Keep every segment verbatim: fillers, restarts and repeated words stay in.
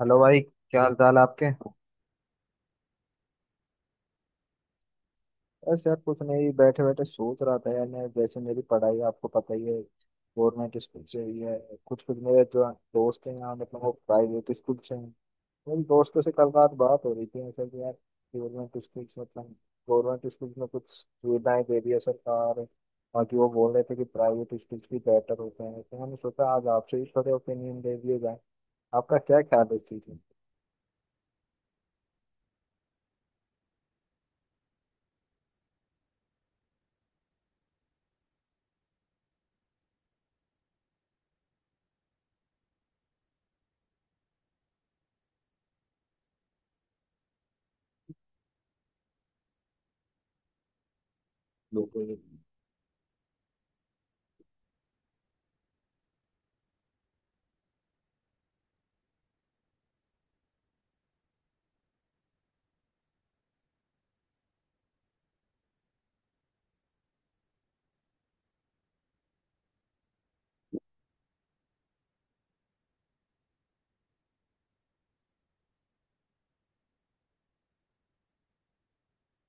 Hello भाई, क्या हाल चाल है आपके। बस यार कुछ नहीं, बैठे बैठे सोच रहा था यार। मैं जैसे, मेरी पढ़ाई आपको पता ही है, गवर्नमेंट स्कूल से ही है। कुछ कुछ मेरे जो दोस्त हैं यहाँ, मतलब वो प्राइवेट स्कूल से हैं। मेरे दोस्तों से कल रात बात हो रही थी, मतलब कि यार गवर्नमेंट स्कूल, मतलब गवर्नमेंट स्कूल में कुछ सुविधाएं दे रही है सरकार। बाकी वो बोल रहे थे कि प्राइवेट स्कूल भी बेटर होते हैं, तो मैंने सोचा आज आपसे ही थोड़े ओपिनियन दे दिए जाए। आपका क्या ख्याल है इस चीज़ में। लोगों के?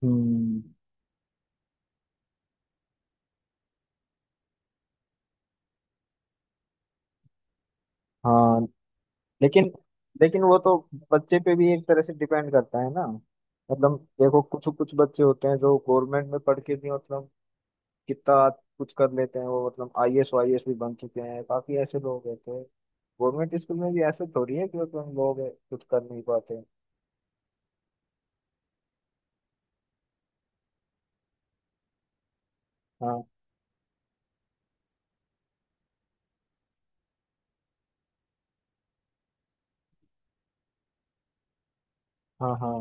हम्म। हाँ। लेकिन लेकिन वो तो बच्चे पे भी एक तरह से डिपेंड करता है ना। मतलब देखो, कुछ कुछ बच्चे होते हैं जो गवर्नमेंट में पढ़ के भी मतलब कितना कुछ कर लेते हैं। वो मतलब आई A S Y A S भी बन चुके हैं, काफी ऐसे लोग हैं। तो गवर्नमेंट स्कूल में भी ऐसे थोड़ी है कि मतलब लोग कुछ कर नहीं पाते। हाँ हाँ हाँ।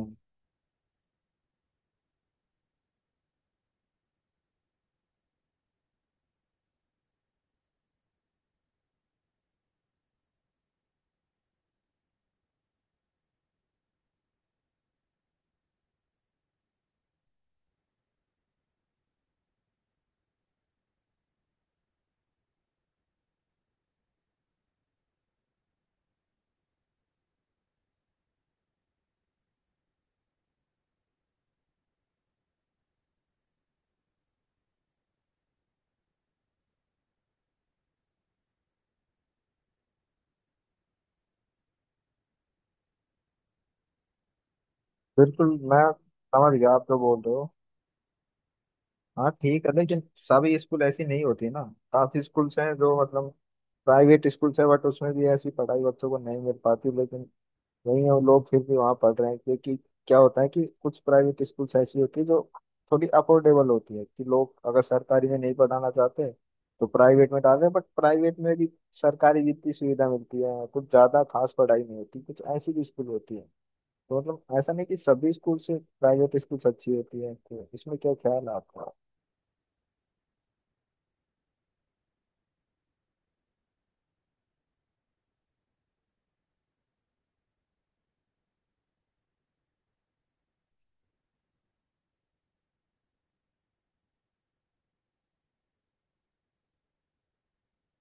बिल्कुल, मैं समझ गया आप जो बोल रहे हो। हाँ ठीक है, लेकिन सभी स्कूल ऐसी नहीं होती ना। काफी स्कूल्स हैं जो मतलब प्राइवेट स्कूल्स है, बट उसमें भी ऐसी पढ़ाई बच्चों को नहीं मिल पाती। लेकिन नहीं, हम लोग फिर भी वहाँ पढ़ रहे हैं क्योंकि क्या होता है कि कुछ प्राइवेट स्कूल्स ऐसी होती है जो थोड़ी अफोर्डेबल होती है कि लोग अगर सरकारी में नहीं पढ़ाना चाहते तो प्राइवेट में डाल रहे हैं। बट प्राइवेट में भी सरकारी जितनी सुविधा मिलती है, कुछ ज़्यादा खास पढ़ाई नहीं होती, कुछ ऐसी भी स्कूल होती है। तो मतलब ऐसा नहीं कि सभी स्कूल से प्राइवेट स्कूल्स अच्छी होती है। तो इसमें क्या ख्याल है आपका।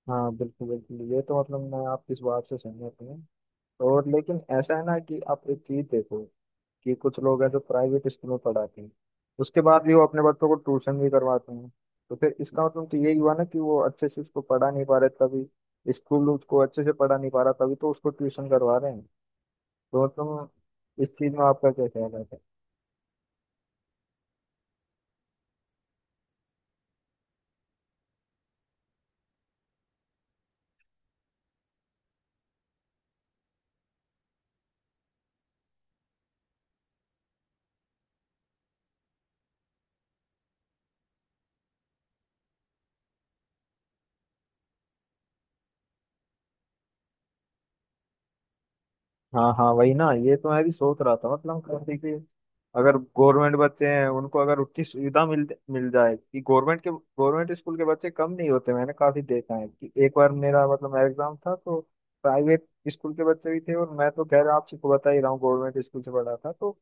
हाँ बिल्कुल बिल्कुल, ये तो मतलब मैं आपकी इस बात से सहमत हूँ। और लेकिन ऐसा है ना कि आप एक चीज देखो कि कुछ लोग हैं जो प्राइवेट स्कूल में पढ़ाते हैं, उसके बाद भी वो अपने बच्चों को ट्यूशन भी करवाते हैं। तो फिर इसका मतलब तो यही हुआ ना कि वो अच्छे से उसको पढ़ा नहीं पा रहे, तभी स्कूल उसको अच्छे से पढ़ा नहीं पा रहा, तभी तो उसको ट्यूशन करवा रहे हैं। तो तुम, इस चीज में आपका क्या कहना है। हाँ हाँ, वही ना, ये तो मैं भी सोच रहा था मतलब कैसे कि अगर गवर्नमेंट बच्चे हैं उनको अगर उतनी सुविधा मिल मिल जाए, कि गवर्नमेंट के गवर्नमेंट स्कूल के बच्चे कम नहीं होते। मैंने काफी देखा है कि एक बार मेरा, मतलब मेरा एग्जाम था, तो प्राइवेट स्कूल के बच्चे भी थे, और मैं तो खैर आप सबको बता ही रहा हूँ गवर्नमेंट स्कूल से पढ़ा था, तो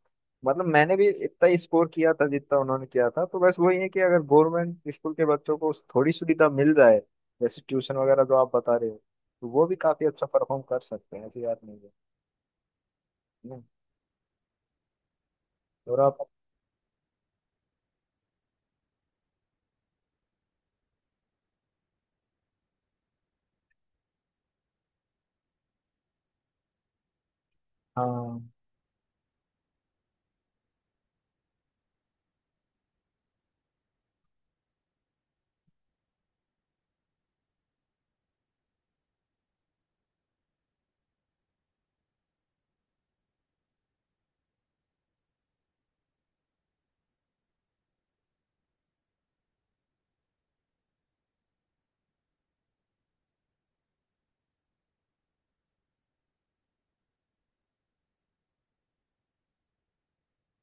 मतलब मैंने भी इतना ही स्कोर किया था जितना उन्होंने किया था। तो बस वही है कि अगर गवर्नमेंट स्कूल के बच्चों को थोड़ी सुविधा मिल जाए, जैसे ट्यूशन वगैरह जो आप बता रहे हो, तो वो भी काफी अच्छा परफॉर्म कर सकते हैं, ऐसी बात नहीं है। और आप। हाँ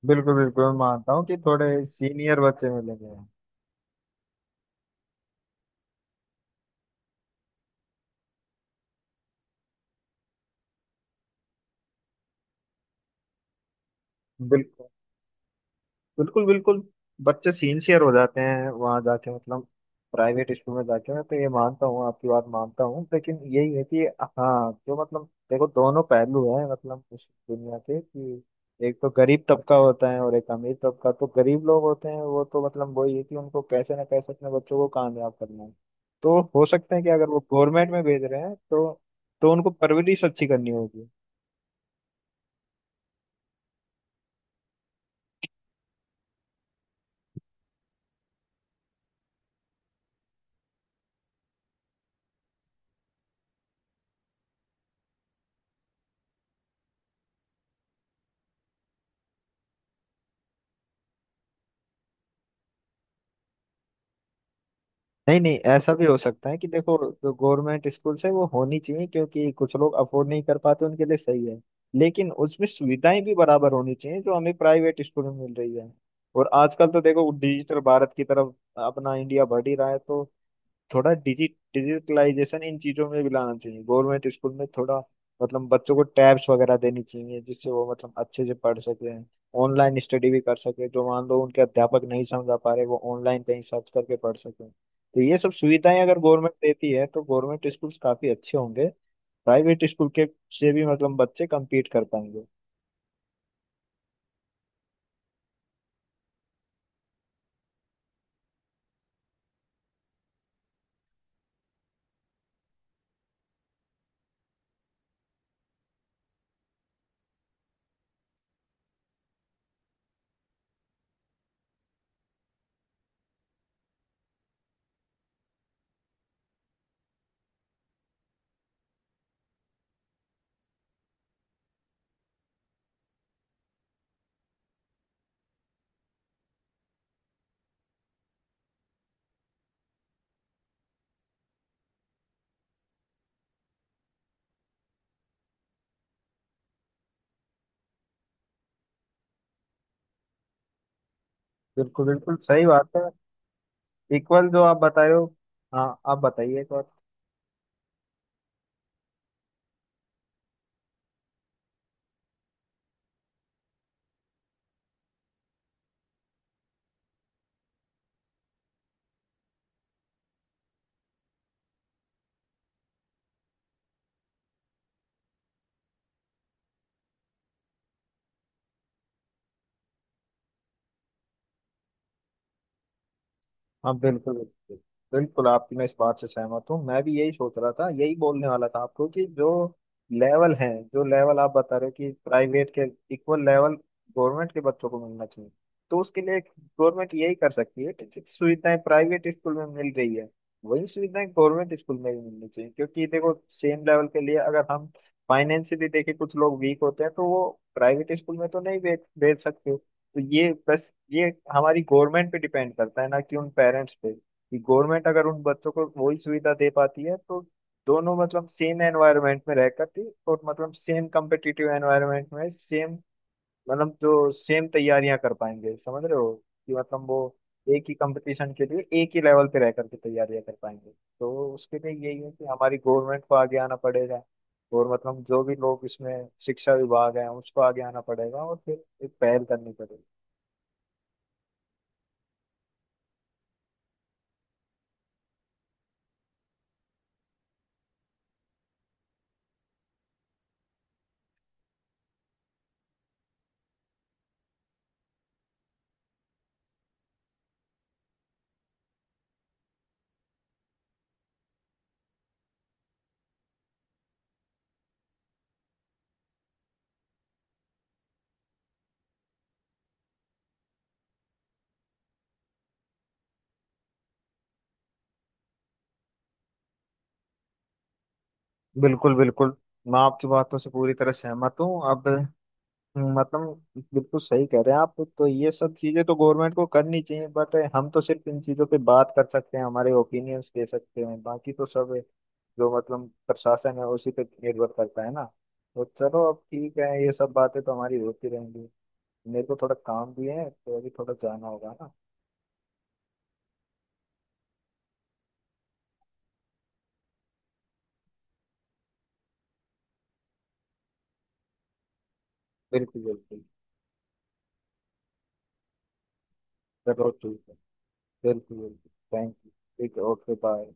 बिल्कुल बिल्कुल, मैं मानता हूँ कि थोड़े सीनियर बच्चे मिलेंगे। बिल्कुल बिल्कुल बिल्कुल, बच्चे सिंसियर हो जाते हैं वहां जाके, मतलब प्राइवेट स्कूल में जाके। मैं तो ये मानता हूँ, आपकी बात मानता हूँ, लेकिन यही है कि हाँ, जो मतलब देखो दोनों पहलू है मतलब इस दुनिया के कि एक तो गरीब तबका होता है और एक अमीर तबका। तो गरीब लोग होते हैं वो तो मतलब वही है कि उनको कैसे ना कैसे अपने बच्चों को कामयाब करना है। तो हो सकता है कि अगर वो गवर्नमेंट में भेज रहे हैं तो तो उनको परवरिश अच्छी करनी होगी। नहीं नहीं, ऐसा भी हो सकता है कि देखो जो गवर्नमेंट स्कूल्स है वो होनी चाहिए क्योंकि कुछ लोग अफोर्ड नहीं कर पाते, उनके लिए सही है। लेकिन उसमें सुविधाएं भी बराबर होनी चाहिए जो हमें प्राइवेट स्कूल में मिल रही है। और आजकल तो देखो डिजिटल भारत की तरफ अपना इंडिया बढ़ ही रहा है, तो थोड़ा डिजिट डिजिटलाइजेशन इन चीजों में भी लाना चाहिए गवर्नमेंट स्कूल में। थोड़ा मतलब बच्चों को टैब्स वगैरह देनी चाहिए जिससे वो मतलब अच्छे से पढ़ सके, ऑनलाइन स्टडी भी कर सके, जो मान लो उनके अध्यापक नहीं समझा पा रहे वो ऑनलाइन कहीं सर्च करके पढ़ सके। तो ये सब सुविधाएं अगर गवर्नमेंट देती है तो गवर्नमेंट स्कूल काफी अच्छे होंगे, प्राइवेट स्कूल के से भी मतलब बच्चे कम्पीट कर पाएंगे। बिल्कुल बिल्कुल सही बात है। इक्वल जो आप बताए हो। हाँ आप बताइए। हाँ बिल्कुल बिल्कुल बिल्कुल, आपकी मैं इस बात से सहमत हूँ, मैं भी यही सोच रहा था, यही बोलने वाला था आपको, कि जो लेवल है, जो लेवल आप बता रहे हो कि प्राइवेट के इक्वल लेवल गवर्नमेंट के बच्चों को मिलना चाहिए। तो उसके लिए गवर्नमेंट यही कर सकती है कि जो सुविधाएं प्राइवेट स्कूल में मिल रही है वही सुविधाएं गवर्नमेंट स्कूल में भी मिलनी चाहिए। क्योंकि देखो सेम लेवल के लिए अगर हम फाइनेंशियली देखें, कुछ लोग वीक होते हैं तो वो प्राइवेट स्कूल में तो नहीं भेज भेज सकते। तो ये बस ये हमारी गवर्नमेंट पे डिपेंड करता है ना, कि उन पेरेंट्स पे, कि गवर्नमेंट अगर उन बच्चों को वही सुविधा दे पाती है तो दोनों मतलब सेम एनवायरनमेंट में रह करती, और मतलब सेम कम्पिटिटिव एनवायरनमेंट में, सेम मतलब जो सेम तैयारियां कर पाएंगे, समझ रहे हो कि मतलब वो एक ही कंपटीशन के लिए एक ही लेवल पे रह करके तैयारियां कर पाएंगे। तो उसके लिए यही है कि हमारी गवर्नमेंट को आगे आना पड़ेगा, और मतलब जो भी लोग इसमें शिक्षा विभाग है उसको आगे आना पड़ेगा और फिर एक पहल करनी पड़ेगी। बिल्कुल बिल्कुल, मैं आपकी बातों से पूरी तरह सहमत हूँ अब। मतलब बिल्कुल सही कह रहे हैं आप, तो ये सब चीजें तो गवर्नमेंट को करनी चाहिए बट हम तो सिर्फ इन चीजों पे बात कर सकते हैं, हमारे ओपिनियंस दे सकते हैं, बाकी तो सब जो मतलब प्रशासन है उसी पे निर्भर करता है ना। तो चलो अब ठीक है, ये सब बातें तो हमारी होती रहेंगी। मेरे को थोड़ा काम भी है, तो अभी थोड़ा जाना होगा ना। बिल्कुल बिल्कुल। चलो ठीक है। बिल्कुल बिल्कुल। Thank you. ठीक है, ओके बाय।